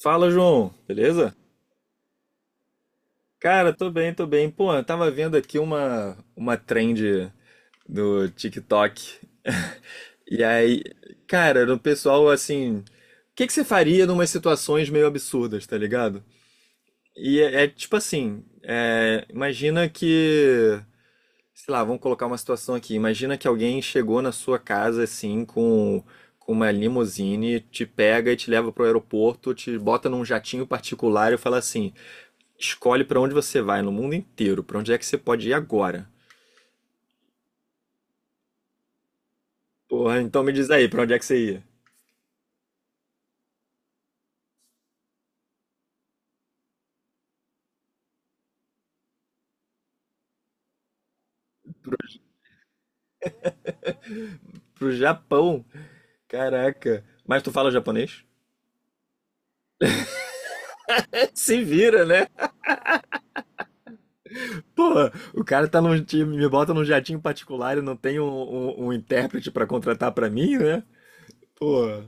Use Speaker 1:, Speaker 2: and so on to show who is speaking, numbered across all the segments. Speaker 1: Fala, João, beleza? Cara, tô bem, tô bem. Pô, eu tava vendo aqui uma trend no TikTok. E aí, cara, o pessoal assim, o que que você faria numas situações meio absurdas, tá ligado? E é tipo assim, é, imagina que, sei lá, vamos colocar uma situação aqui. Imagina que alguém chegou na sua casa assim com uma limusine, te pega e te leva pro aeroporto, te bota num jatinho particular e fala assim: escolhe pra onde você vai no mundo inteiro, pra onde é que você pode ir agora. Porra, então me diz aí, pra onde é que você ia? Pro Japão. Caraca. Mas tu fala japonês? Se vira, né? Porra, o cara tá num time, me bota num jatinho particular e não tem um, um intérprete pra contratar pra mim, né? Porra.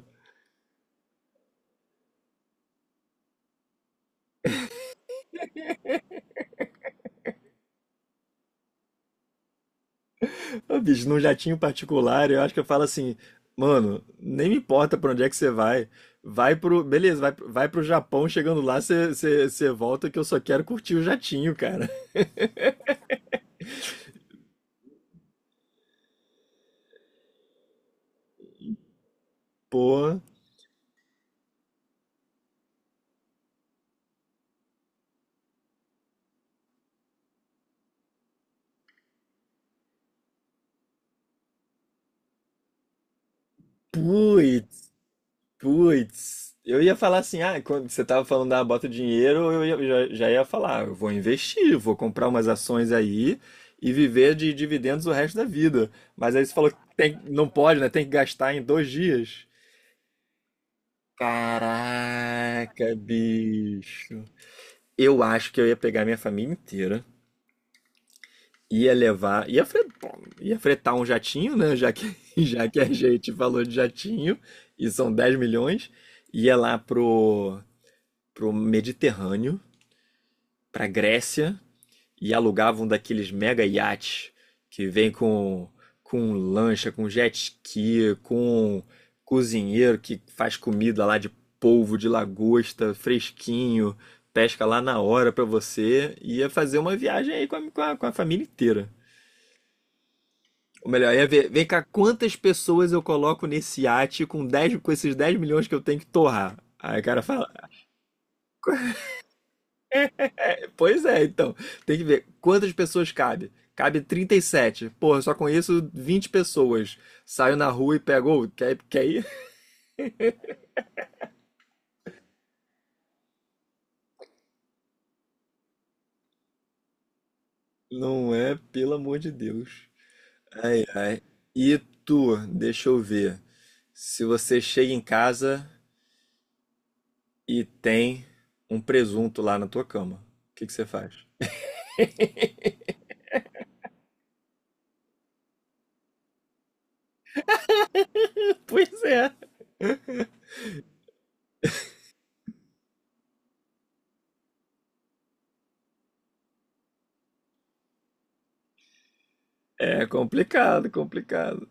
Speaker 1: Ô, bicho, num jatinho particular, eu acho que eu falo assim, mano, nem me importa pra onde é que você vai. Vai pro. Beleza, vai pro Japão, chegando lá, você volta que eu só quero curtir o jatinho, cara. Porra. Putz, putz. Eu ia falar assim, ah, quando você tava falando da bota dinheiro, já, já ia falar, eu vou investir, vou comprar umas ações aí e viver de dividendos o resto da vida. Mas aí você falou que não pode, né? Tem que gastar em 2 dias. Caraca, bicho. Eu acho que eu ia pegar minha família inteira, ia levar, ia fretar um jatinho, né? Já que, já que a gente falou de jatinho, e são 10 milhões, ia lá pro Mediterrâneo, pra Grécia, e alugavam daqueles mega iates que vem com lancha, com jet ski, com cozinheiro que faz comida lá de polvo, de lagosta, fresquinho, pesca lá na hora pra você, e ia fazer uma viagem aí com a família inteira. Ou melhor, ia ver, vem cá, quantas pessoas eu coloco nesse iate com, 10 com esses 10 milhões que eu tenho que torrar? Aí o cara fala, pois é, então. Tem que ver quantas pessoas cabe. Cabe 37. Porra, eu só conheço 20 pessoas. Saio na rua e pego, ô, quer, quer ir? Não é, pelo amor de Deus. Ai, ai. E tu, deixa eu ver. Se você chega em casa e tem um presunto lá na tua cama, o que que você faz? Pois é. É complicado, complicado.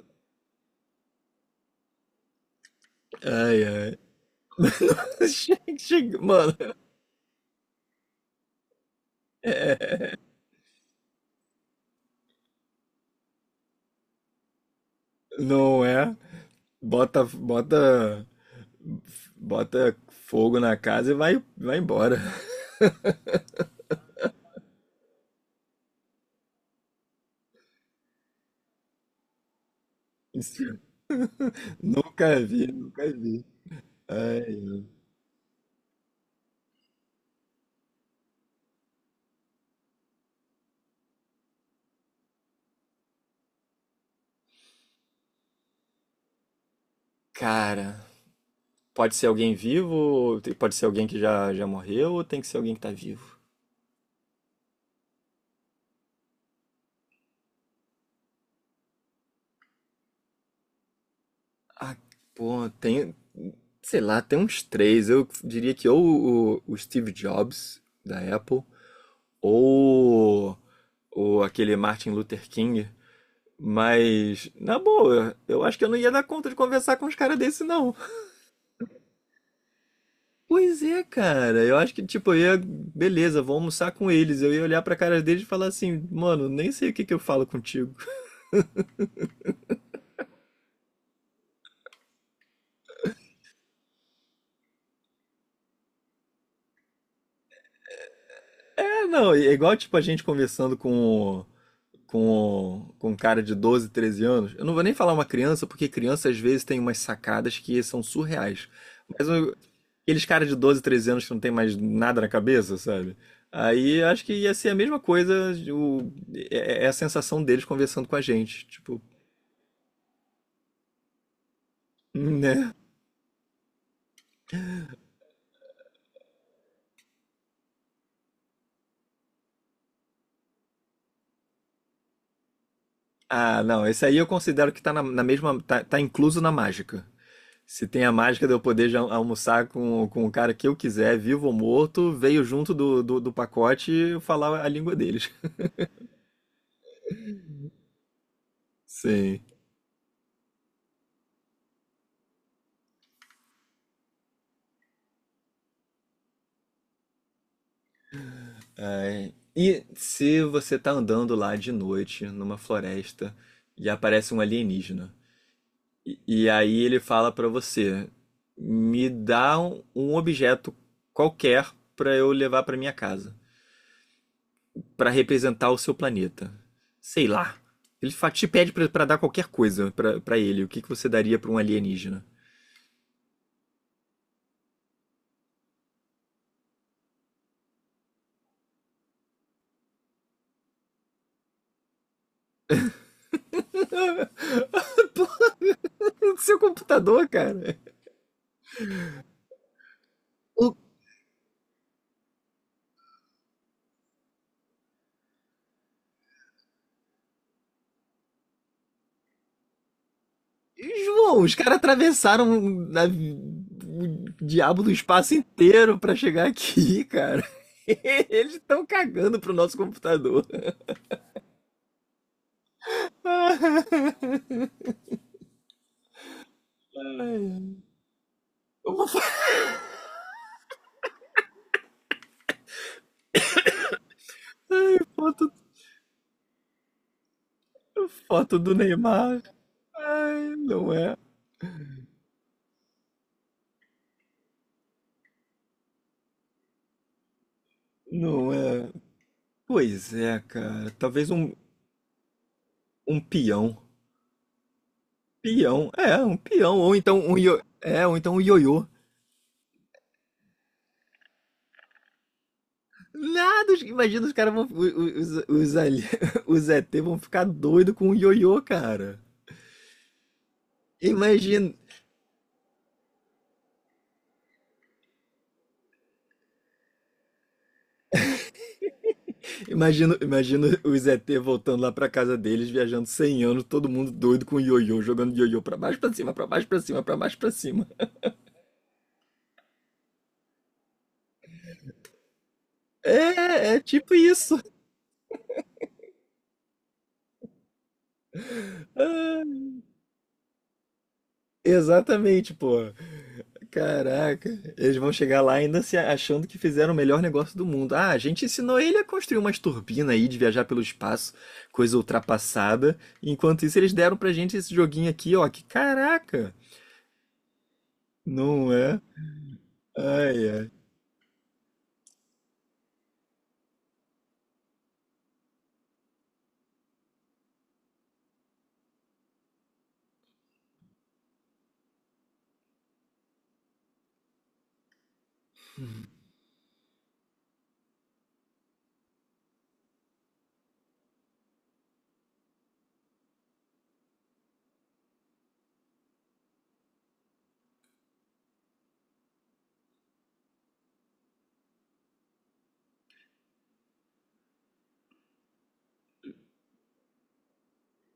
Speaker 1: Ai, ai. Mano. Não é? Bota, bota, bota fogo na casa e vai embora. Isso. Nunca vi, nunca vi. Ai, cara, pode ser alguém vivo, pode ser alguém que já morreu, ou tem que ser alguém que tá vivo? Ah, pô, tem, sei lá, tem uns 3. Eu diria que ou o Steve Jobs, da Apple, ou, o aquele Martin Luther King. Mas, na boa, eu acho que eu não ia dar conta de conversar com uns caras desse, não. Pois é, cara. Eu acho que, tipo, eu ia, beleza, vou almoçar com eles. Eu ia olhar pra cara deles e falar assim, mano, nem sei o que que eu falo contigo. É, não, é igual, tipo, a gente conversando com um cara de 12, 13 anos. Eu não vou nem falar uma criança, porque criança às vezes tem umas sacadas que são surreais. Mas eu- Aqueles caras de 12, 13 anos que não tem mais nada na cabeça, sabe? Aí eu acho que ia ser a mesma coisa, o, é, é a sensação deles conversando com a gente. Tipo, né? Ah, não, esse aí eu considero que tá na mesma. Tá, tá incluso na mágica. Se tem a mágica de eu poder já almoçar com o cara que eu quiser, vivo ou morto, veio junto do pacote e eu falar a língua deles. Sim. É, e se você tá andando lá de noite numa floresta e aparece um alienígena, e aí ele fala pra você: me dá um, um objeto qualquer pra eu levar pra minha casa, pra representar o seu planeta. Sei lá. Te pede pra dar qualquer coisa pra ele. O que que você daria pra um alienígena? O seu computador, cara. João, os caras atravessaram a- o diabo do espaço inteiro pra chegar aqui, cara. Eles estão cagando pro nosso computador. Ai. Uma foto, foto do Neymar. Ai, não é. Não é. Pois é, cara. Talvez um, um peão. Peão. É, um peão. Ou então um io... É, ou então um ioiô. Nada, imagina os caras vão. Os ET vão ficar doido com o ioiô, cara. Imagina, imagina os ET voltando lá pra casa deles, viajando 100 anos, todo mundo doido com o ioiô, jogando ioiô pra baixo, pra cima, pra baixo, pra cima, pra baixo, pra cima. É, é tipo isso. Ah. Exatamente, pô. Caraca, eles vão chegar lá ainda se achando que fizeram o melhor negócio do mundo. Ah, a gente ensinou ele a construir umas turbinas aí de viajar pelo espaço, coisa ultrapassada. Enquanto isso, eles deram pra gente esse joguinho aqui, ó. Que caraca! Não é? Ai, ai.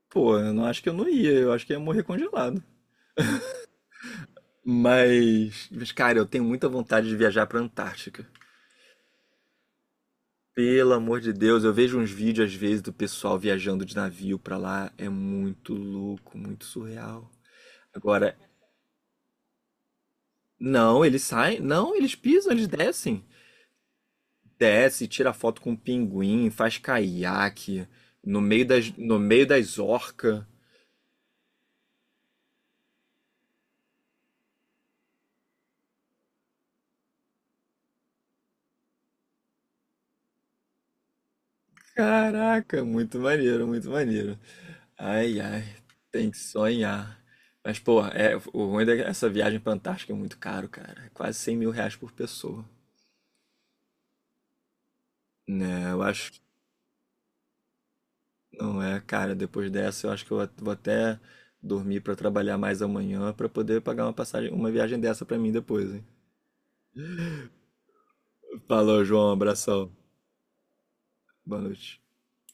Speaker 1: Pô, eu não acho que eu não ia, eu acho que ia morrer congelado. Mas, cara, eu tenho muita vontade de viajar pra Antártica. Pelo amor de Deus, eu vejo uns vídeos às vezes do pessoal viajando de navio pra lá, é muito louco, muito surreal. Agora, não, eles saem, não, eles pisam, eles descem. Desce, tira foto com um pinguim, faz caiaque no meio das orcas. Caraca, muito maneiro, muito maneiro. Ai, ai, tem que sonhar. Mas, pô, é, o ruim dessa viagem pra Antártica é muito caro, cara. É quase R$ 100.000 por pessoa. Né, eu acho. Não é, cara, depois dessa eu acho que eu vou até dormir pra trabalhar mais amanhã pra poder pagar uma passagem, uma viagem dessa pra mim depois, hein? Falou, João, abração. Boa noite.